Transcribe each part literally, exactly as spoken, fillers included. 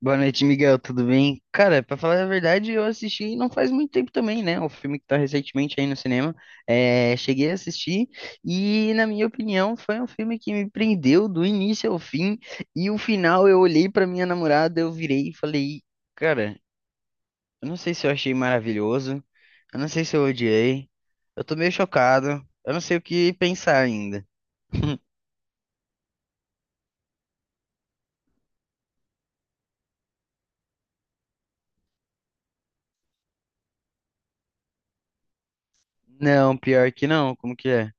Boa noite, Miguel. Tudo bem? Cara, pra falar a verdade, eu assisti não faz muito tempo também, né? O filme que tá recentemente aí no cinema. É, cheguei a assistir e, na minha opinião, foi um filme que me prendeu do início ao fim. E o final, eu olhei pra minha namorada, eu virei e falei: Cara, eu não sei se eu achei maravilhoso, eu não sei se eu odiei, eu tô meio chocado, eu não sei o que pensar ainda. Não, pior que não, como que é?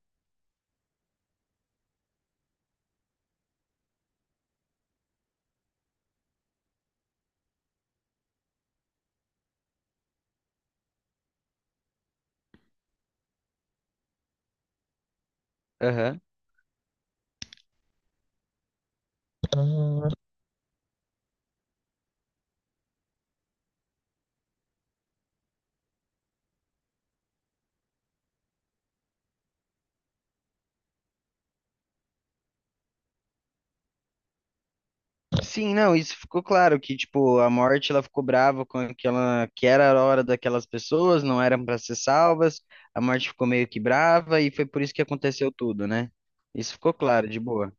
Aham. Sim, não, isso ficou claro que tipo a morte ela ficou brava com aquela que era a hora daquelas pessoas, não eram para ser salvas. A morte ficou meio que brava e foi por isso que aconteceu tudo, né? Isso ficou claro, de boa.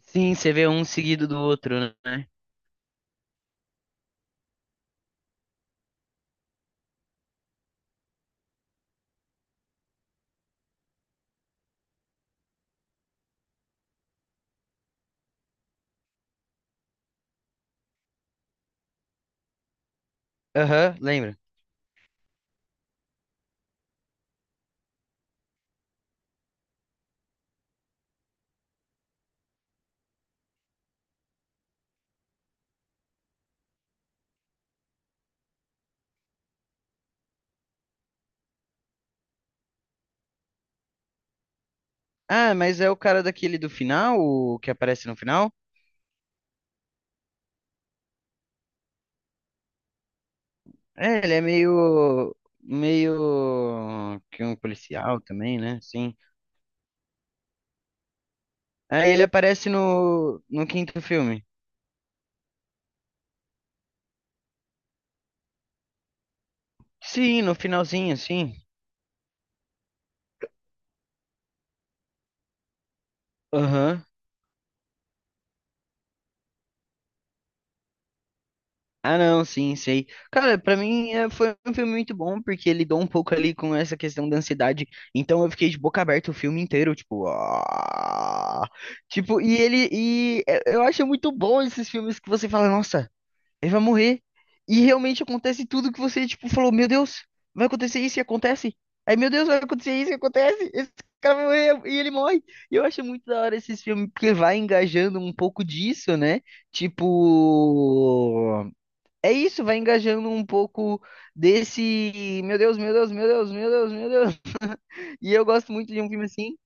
Sim, você vê um seguido do outro, né? Aham, lembra? Ah, mas é o cara daquele do final, o que aparece no final? É, ele é meio meio que um policial também, né? Sim. Aí ele aparece no no quinto filme. Sim, no finalzinho, sim. Aham. Ah, não, sim, sei. Cara, pra mim é, foi um filme muito bom, porque ele lidou um pouco ali com essa questão da ansiedade. Então eu fiquei de boca aberta o filme inteiro, tipo. "Ah". Tipo, e ele. E é, eu acho muito bom esses filmes que você fala, nossa. Ele vai morrer. E realmente acontece tudo que você, tipo, falou, meu Deus, vai acontecer isso e acontece. Aí, meu Deus, vai acontecer isso e acontece. Esse cara vai morrer e ele morre. E eu acho muito da hora esses filmes, porque vai engajando um pouco disso, né? Tipo, é isso, vai engajando um pouco desse, meu Deus, meu Deus, meu Deus, meu Deus, meu Deus. E eu gosto muito de um filme assim.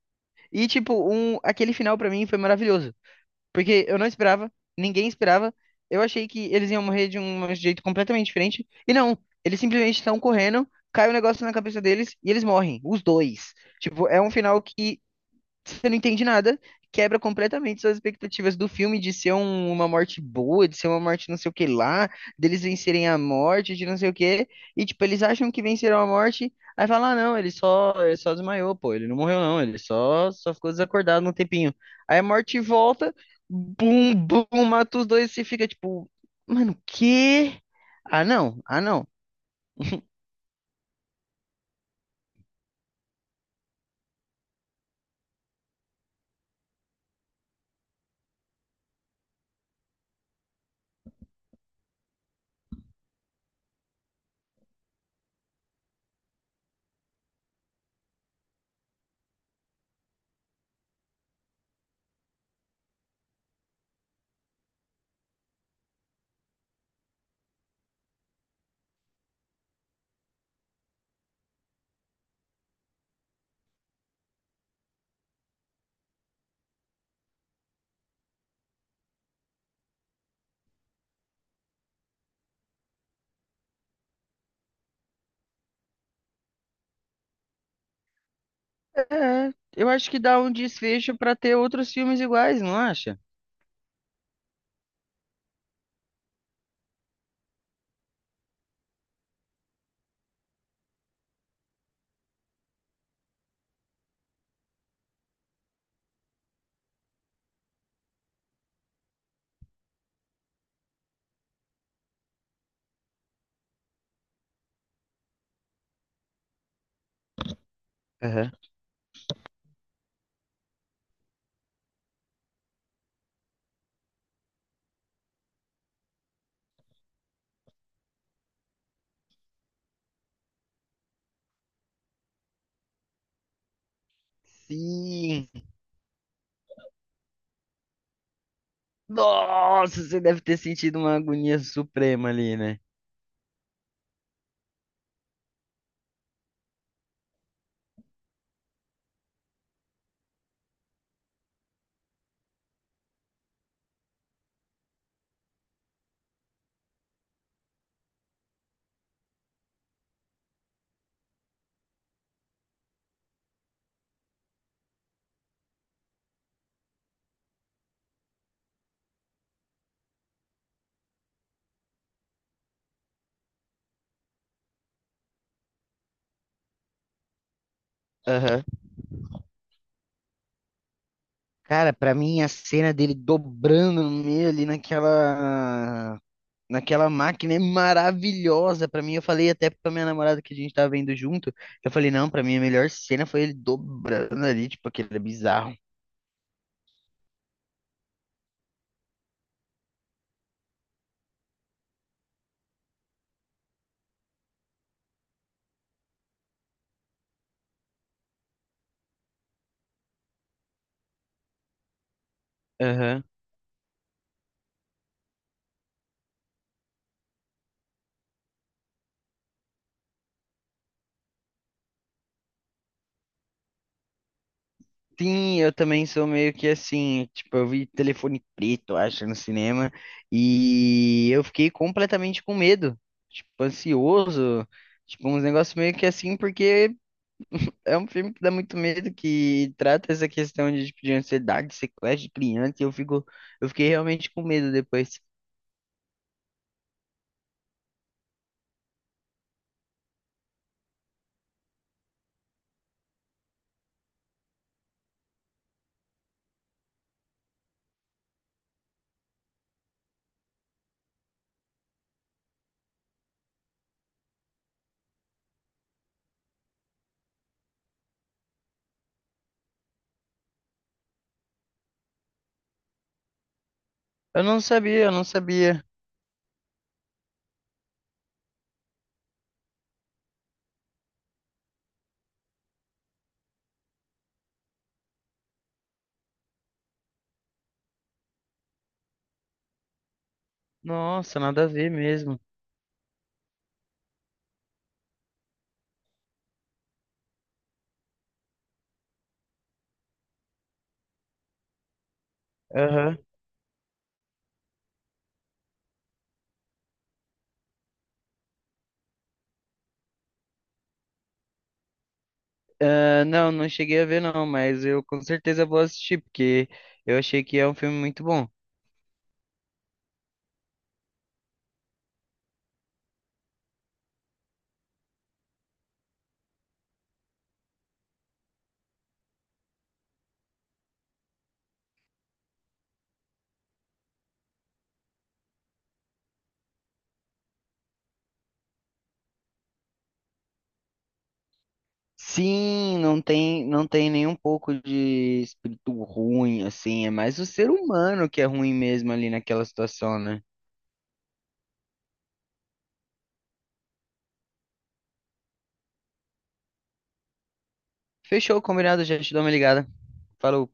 E, tipo, um, aquele final pra mim foi maravilhoso. Porque eu não esperava, ninguém esperava. Eu achei que eles iam morrer de um jeito completamente diferente. E não, eles simplesmente estão correndo, cai um negócio na cabeça deles e eles morrem, os dois. Tipo, é um final que você não entende nada, quebra completamente suas expectativas do filme de ser um- uma morte boa, de ser uma morte não sei o que lá, deles vencerem a morte, de não sei o que, e tipo, eles acham que venceram a morte, aí fala, ah, não, ele só, ele só desmaiou, pô, ele não morreu não, ele só, só ficou desacordado um tempinho. Aí a morte volta, bum, bum, mata os dois, e você fica tipo, mano, que? Ah, não, ah, não. É, eu acho que dá um desfecho pra ter outros filmes iguais, não acha? Aham. Sim. Nossa, você deve ter sentido uma agonia suprema ali, né? Aham. Cara, pra mim a cena dele dobrando no meio ali naquela naquela máquina é maravilhosa. Pra mim, eu falei até pra minha namorada que a gente tava vendo junto, eu falei, não, pra mim a melhor cena foi ele dobrando ali, tipo, aquele bizarro. Aham. Sim, eu também sou meio que assim, tipo, eu vi Telefone Preto, acho, no cinema, e eu fiquei completamente com medo, tipo, ansioso, tipo, uns negócios meio que assim, porque é um filme que dá muito medo, que trata essa questão de, tipo, de ansiedade, sequestro de criança, e eu fico, eu fiquei realmente com medo depois. Eu não sabia, eu não sabia. Nossa, nada a ver mesmo. Aham. Ah, não, não cheguei a ver não, mas eu com certeza vou assistir, porque eu achei que é um filme muito bom. Sim, não tem, não tem nem um pouco de espírito ruim, assim. É mais o ser humano que é ruim mesmo ali naquela situação, né? Fechou, combinado, já te dou uma ligada. Falou.